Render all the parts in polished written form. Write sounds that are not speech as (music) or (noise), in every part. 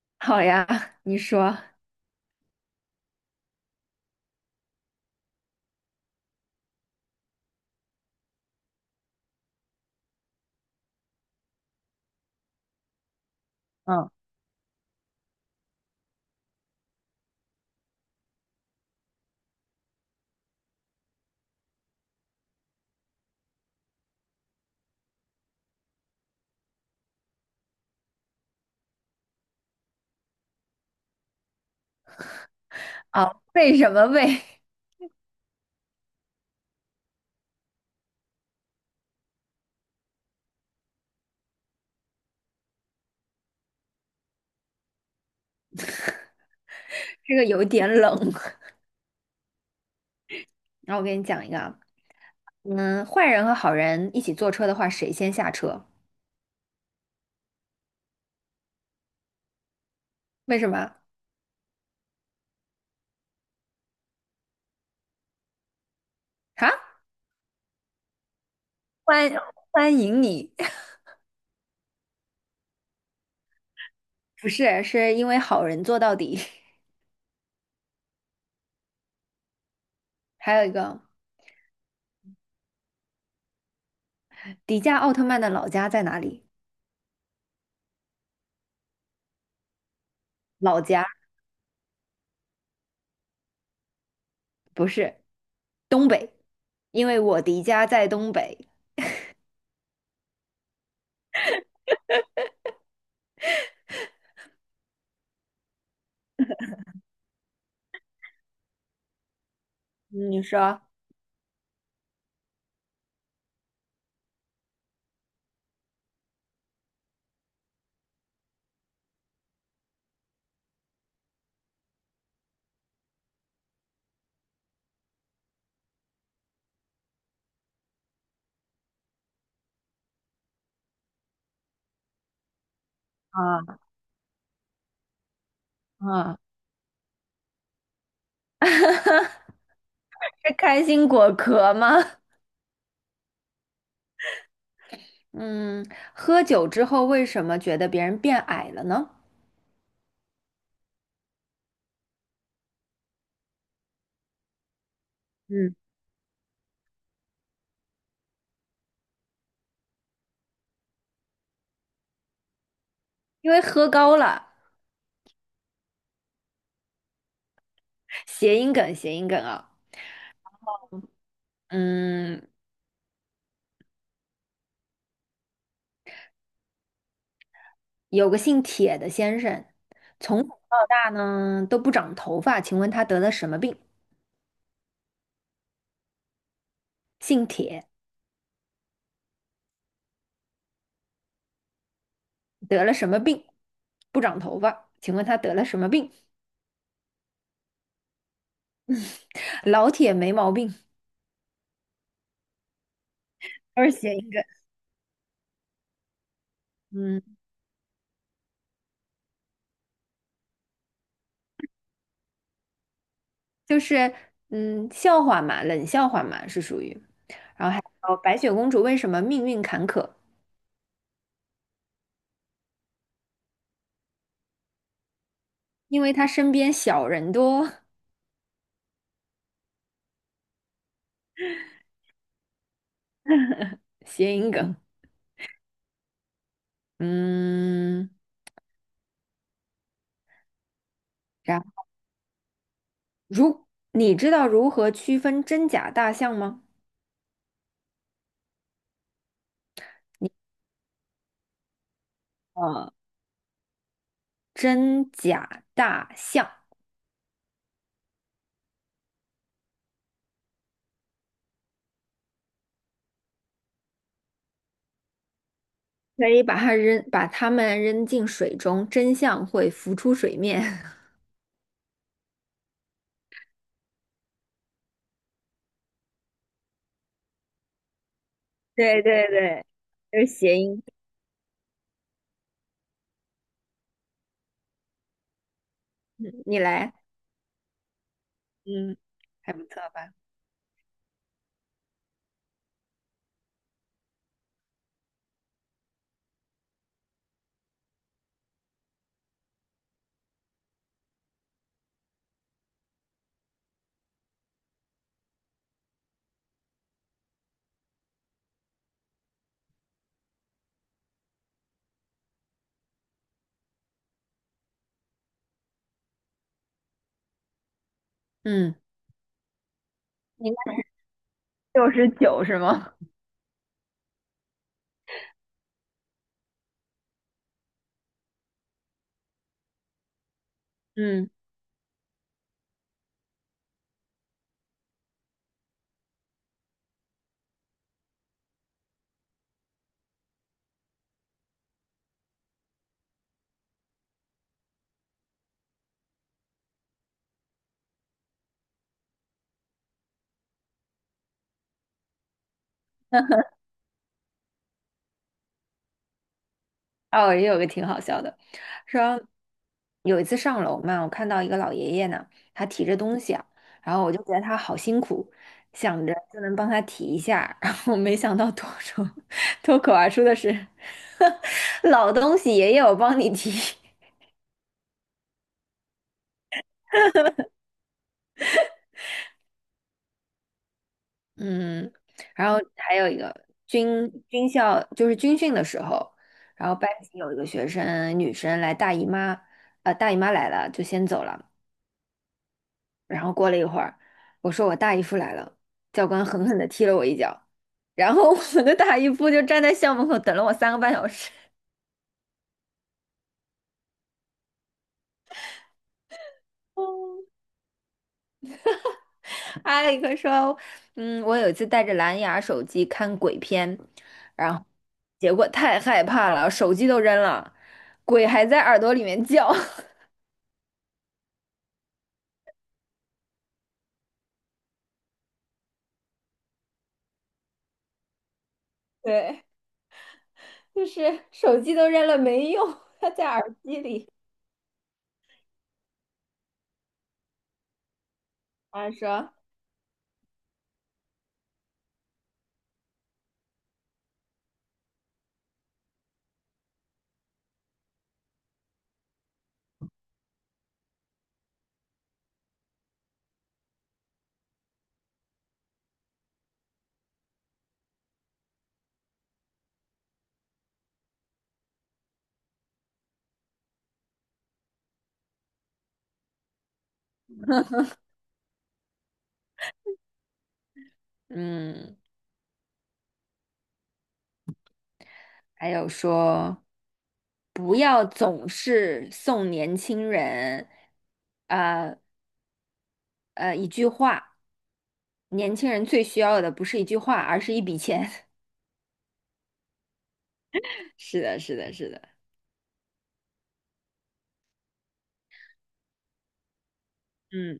(laughs) 好呀，你说。嗯，为什么为 (laughs) 这个有点冷？那我给你讲一个啊。嗯，坏人和好人一起坐车的话，谁先下车？为什么？啊？欢欢迎你，(laughs) 不是，是因为好人做到底。(laughs) 还有一个，迪迦奥特曼的老家在哪里？老家不是东北，因为我迪迦在东北。你说啊。啊，(laughs) 是开心果壳吗？嗯，喝酒之后为什么觉得别人变矮了呢？嗯，因为喝高了，谐音梗，谐音梗啊。嗯，有个姓铁的先生，从小到大呢都不长头发，请问他得了什么病？姓铁得了什么病？不长头发，请问他得了什么病？老铁没毛病，都是谐音梗。嗯，就是笑话嘛，冷笑话嘛，是属于。哦，白雪公主为什么命运坎坷？因为他身边小人多，谐音梗。嗯。然如你知道如何区分真假大象吗？呃，真假大象可以把它扔，把它们扔进水中，真相会浮出水面。(laughs) 对对对，就是谐音。你来。嗯，还不错吧？嗯你应该69是吗？嗯。哦，也有个挺好笑的，说有一次上楼嘛，我看到一个老爷爷呢，他提着东西啊，然后我就觉得他好辛苦，想着就能帮他提一下，然后没想到脱口而出的是 (laughs) 老东西，爷爷我帮你提。嗯，然后还有一个军校就是军训的时候，然后班级有一个学生女生来大姨妈，大姨妈来了就先走了。然后过了一会儿，我说我大姨夫来了，教官狠狠地踢了我一脚，然后我的大姨夫就站在校门口等了我3个半小时。(laughs) 艾利克说："嗯，我有一次带着蓝牙手机看鬼片，然后结果太害怕了，手机都扔了，鬼还在耳朵里面叫。(laughs) 对，就是手机都扔了没用，它在耳机里。"他说："嗯。"还有说不要总是送年轻人，呃一句话，年轻人最需要的不是一句话，而是一笔钱。(laughs) 是的，是的，是的。嗯，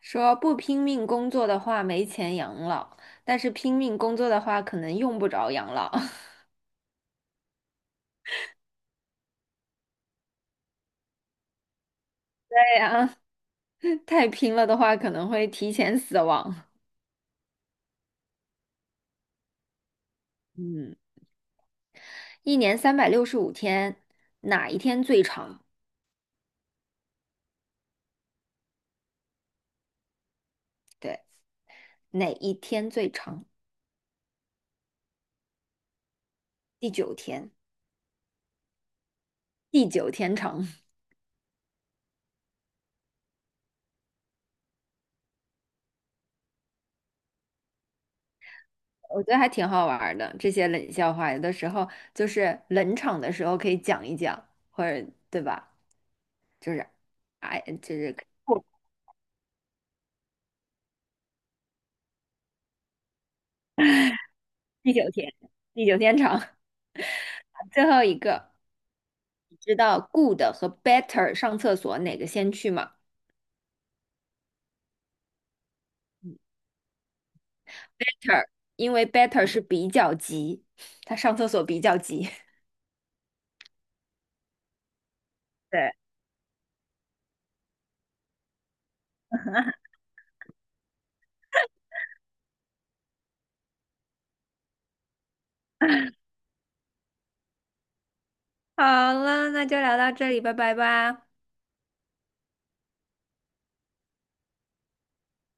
说不拼命工作的话没钱养老，但是拼命工作的话可能用不着养老。(laughs) 对呀，(laughs) 太拼了的话可能会提前死亡。嗯，一年365天，哪一天最长？对，哪一天最长？第九天。地久天长，(laughs) 我觉得还挺好玩儿的。这些冷笑话，有的时候就是冷场的时候可以讲一讲，或者对吧？就是，哎，就是不地久天地久天长。(laughs) 最后一个，你知道 good 和 better 上厕所哪个先去吗？better,因为 better 是比较急，他上厕所比较急。(laughs) 对，好了，那就聊到这里，拜拜吧。